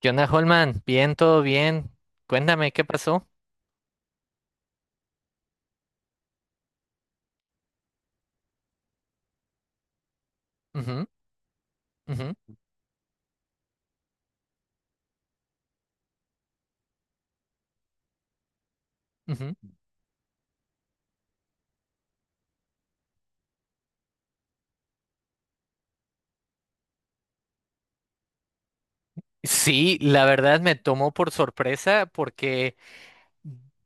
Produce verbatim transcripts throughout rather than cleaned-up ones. ¿Qué onda, Holman? Bien, todo bien. Cuéntame, ¿qué pasó? Ujú, ujú, ujú. Sí, la verdad me tomó por sorpresa porque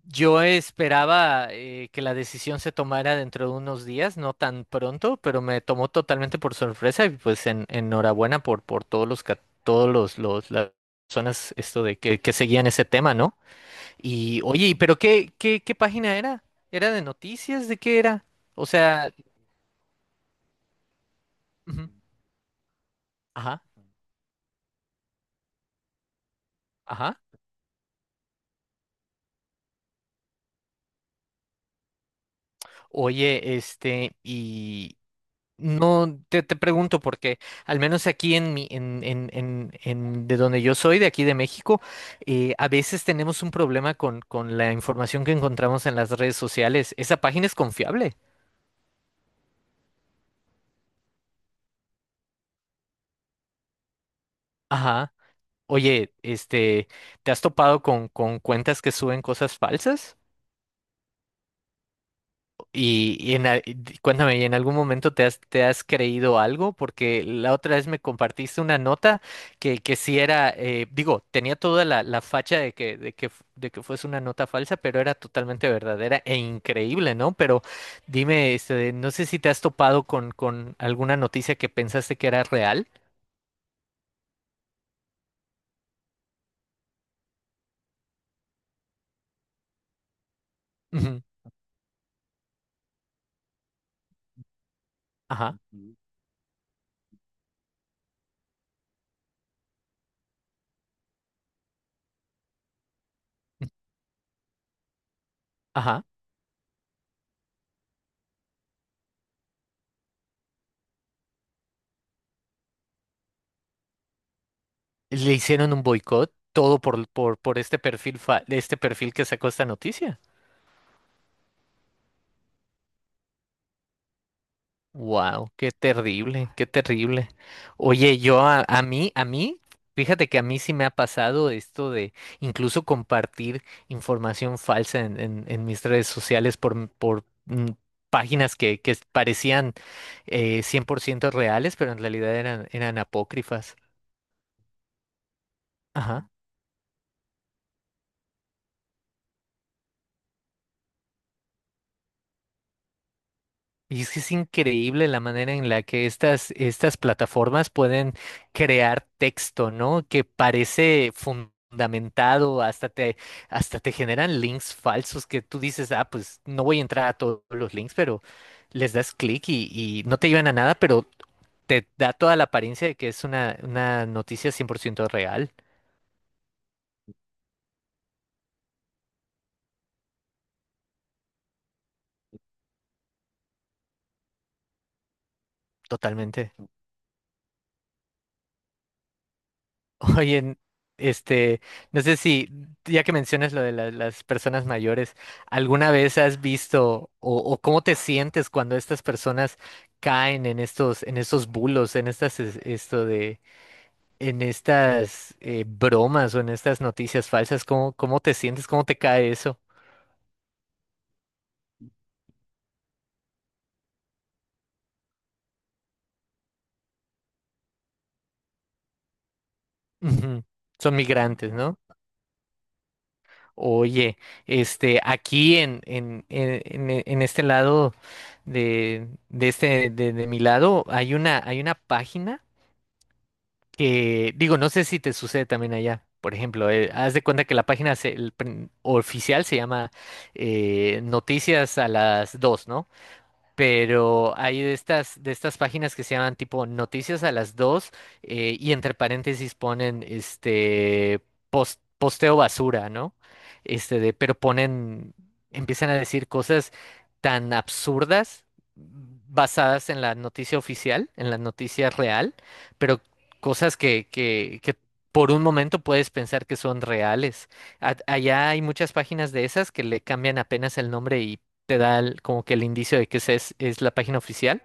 yo esperaba eh, que la decisión se tomara dentro de unos días, no tan pronto, pero me tomó totalmente por sorpresa y pues en- enhorabuena por, por todos los, ca- todos los, los- las personas esto de que, que seguían ese tema, ¿no? Y oye, ¿y ¿pero qué, qué, qué página era? ¿Era de noticias? ¿De qué era? O sea, ujú. Ajá, ajá. Oye, este, y no te, te pregunto porque al menos aquí en mi, en, en, en, en de donde yo soy, de aquí de México, eh, a veces tenemos un problema con, con la información que encontramos en las redes sociales. ¿Esa página es confiable? Ajá. Oye, este, ¿te has topado con, con cuentas que suben cosas falsas? Y, y en a- y cuéntame, ¿y en algún momento te has, te has creído algo? Porque la otra vez me compartiste una nota que, que sí era, eh, digo, tenía toda la, la facha de que, de que, f- de que fuese una nota falsa, pero era totalmente verdadera e increíble, ¿no? Pero dime, este, no sé si te has topado con, con alguna noticia que pensaste que era real. Ujú. Ajá, ajá. Le hicieron un boicot, todo por, por, por este perfil, fa- este perfil que sacó esta noticia. Wow, qué terrible, qué terrible. Oye, yo a, a mí, a mí, fíjate que a mí sí me ha pasado esto de incluso compartir información falsa en, en- en mis redes sociales por, m- por mm, páginas que, que parecían eh, cien por ciento reales, pero en realidad eran, eran apócrifas. Ajá. Y es que es increíble la manera en la que estas, estas plataformas pueden crear texto, ¿no? Que parece fundamentado, hasta te, hasta te generan links falsos que tú dices, ah, pues no voy a entrar a todos los links, pero les das clic y, y no te llevan a nada, pero te da toda la apariencia de que es una, una noticia cien por ciento real, totalmente. Oye, este, no sé si, ya que mencionas lo de la- las personas mayores, ¿alguna vez has visto o, o cómo te sientes cuando estas personas caen en estos, en estos bulos, en estas, es- esto de, en estas eh, bromas o en estas noticias falsas? ¿Cómo, cómo te sientes? ¿Cómo te cae eso? Ujú. Son migrantes, ¿no? Oye, este, aquí en, en, en, en- e, en este lado de, de este, de, de mi lado, hay una, hay una página que, digo, no sé si te sucede también allá. Por ejemplo, eh, haz de cuenta que la página se- el prin- oficial se llama eh, Noticias a las dos, ¿no? Pero hay de estas, de estas páginas que se llaman tipo Noticias a las dos, eh, y entre paréntesis ponen este pos- posteo basura, ¿no? Este de, pero ponen, empiezan a decir cosas tan absurdas basadas en la noticia oficial, en la noticia real, pero cosas que, que, que por un momento puedes pensar que son reales. A- allá hay muchas páginas de esas que le cambian apenas el nombre te da el- como que el indicio de que esa es, es la página oficial.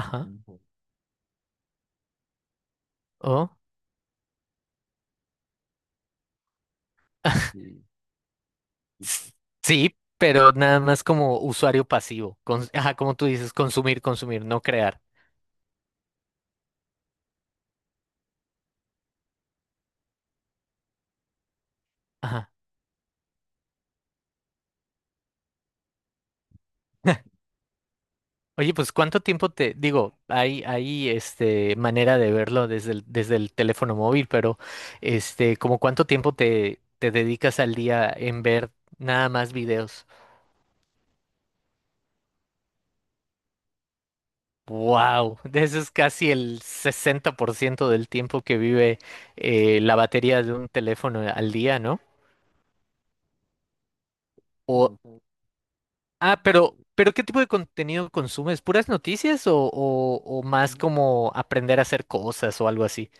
Ajá. Oh. s- Sí, pero nada más como usuario pasivo. Cons- ajá, como tú dices, consumir, consumir, no crear. Ajá. Oye, pues ¿cuánto tiempo te digo? Hay, hay este manera de verlo desde el, desde el teléfono móvil, pero este, ¿como cuánto tiempo te, te dedicas al día en ver nada más videos? Wow, eso es casi el sesenta por ciento del tiempo que vive eh, la batería de un teléfono al día, ¿no? O, ujú. Ah, pero, pero ¿qué tipo de contenido consumes? ¿Puras noticias o, o, o más como aprender a hacer cosas o algo así?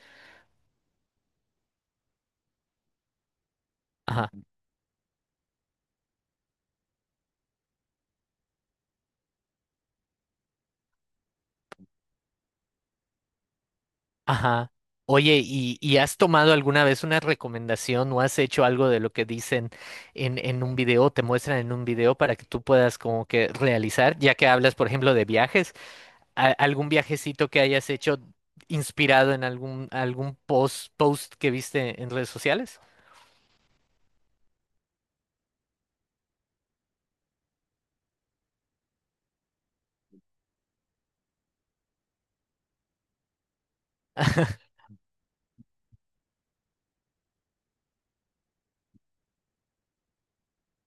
Ajá, ajá. Oye, ¿y, y has tomado alguna vez una recomendación o has hecho algo de lo que dicen en, en un video, te muestran en un video para que tú puedas como que realizar, ya que hablas, por ejemplo, de viajes? A- algún viajecito que hayas hecho inspirado en algún, algún post, post que viste en redes sociales.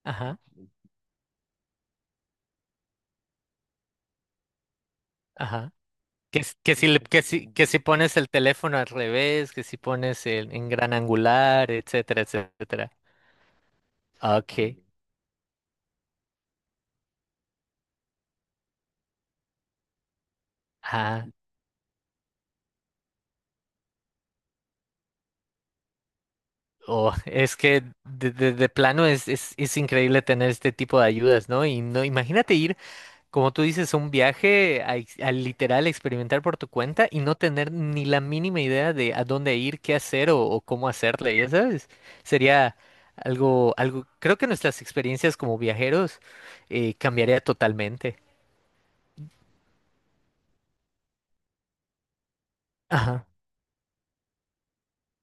Ajá, ajá. Que, s- que si, le- que si, que si pones el teléfono al revés, que si pones el, en gran angular, etcétera, etcétera. Ok. Ah, oh, es que de, de- de plano es, es, es increíble tener este tipo de ayudas, ¿no? Y no, imagínate ir, como tú dices, un viaje a ex- a literal experimentar por tu cuenta y no tener ni la mínima idea de a dónde ir, qué hacer o, o cómo hacerle, ya sabes, sería algo, algo, creo que nuestras experiencias como viajeros eh, cambiaría totalmente. Ajá.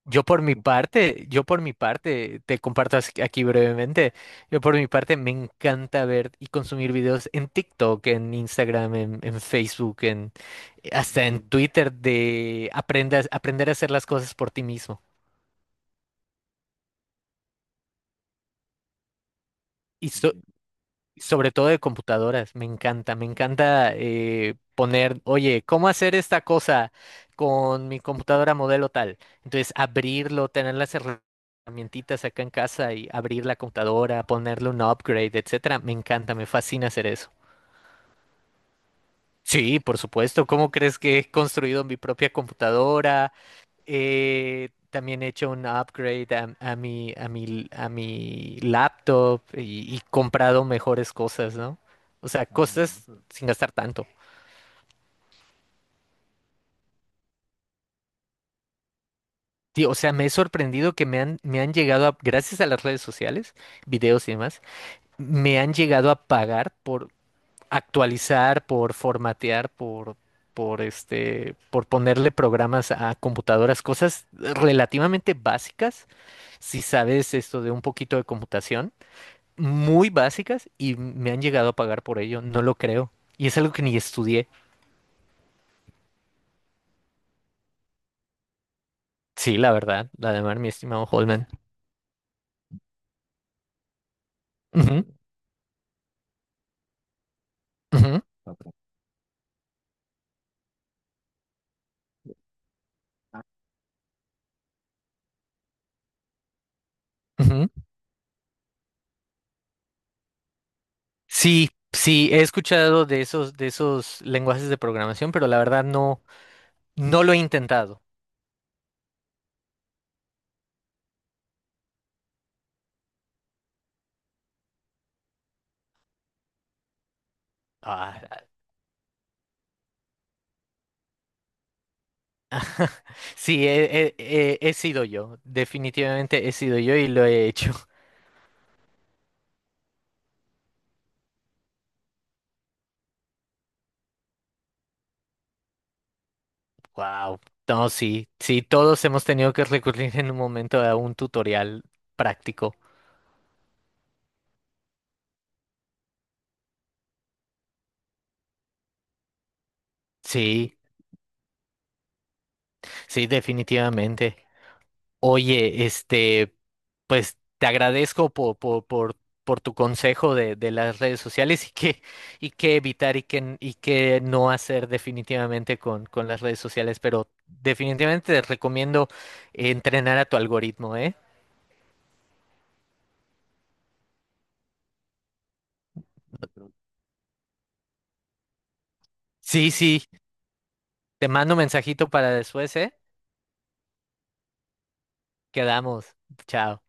Yo por mi parte, yo por mi parte, te comparto as- aquí brevemente, yo por mi parte me encanta ver y consumir videos en TikTok, en Instagram, en, en Facebook, en, hasta en Twitter de aprendas, aprender a hacer las cosas por ti mismo. Y, so- Sobre todo de computadoras, me encanta, me encanta eh, poner, oye, ¿cómo hacer esta cosa con mi computadora modelo tal? Entonces, abrirlo, tener las herra- herramientitas acá en casa y abrir la computadora, ponerle un upgrade, etcétera. Me encanta, me fascina hacer eso. Sí, por supuesto. ¿Cómo crees que he construido mi propia computadora? Eh, también he hecho un upgrade a, a mi, a mi, a mi laptop y, y comprado mejores cosas, ¿no? O sea, mm, cosas sin gastar tanto. Sí, o sea, me he sorprendido que me han, me han llegado a, gracias a las redes sociales, videos y demás, me han llegado a pagar por actualizar, por formatear, por, por este, por ponerle programas a computadoras, cosas relativamente básicas, si sabes esto de un poquito de computación muy básicas y me han llegado a pagar por ello, no lo creo. Y es algo que ni estudié. Sí, la verdad, la de mar, mi estimado Holman. Ujú, ujú, ujú. Sí, sí, he escuchado de esos, de esos lenguajes de programación, pero la verdad no, no lo he intentado. Ah, sí, he, he- he- he sido yo, definitivamente he sido yo y lo he hecho. Wow. No, sí, sí, todos hemos tenido que recurrir en un momento a un tutorial práctico. Sí, sí, definitivamente. Oye, este, pues te agradezco po- po- por, por tu consejo de, de las redes sociales y qué, y qué evitar y qué, y qué no hacer definitivamente con, con las redes sociales, pero definitivamente te recomiendo entrenar a tu algoritmo, ¿eh? Sí, sí, te mando un mensajito para después, ¿eh? Quedamos. Chao.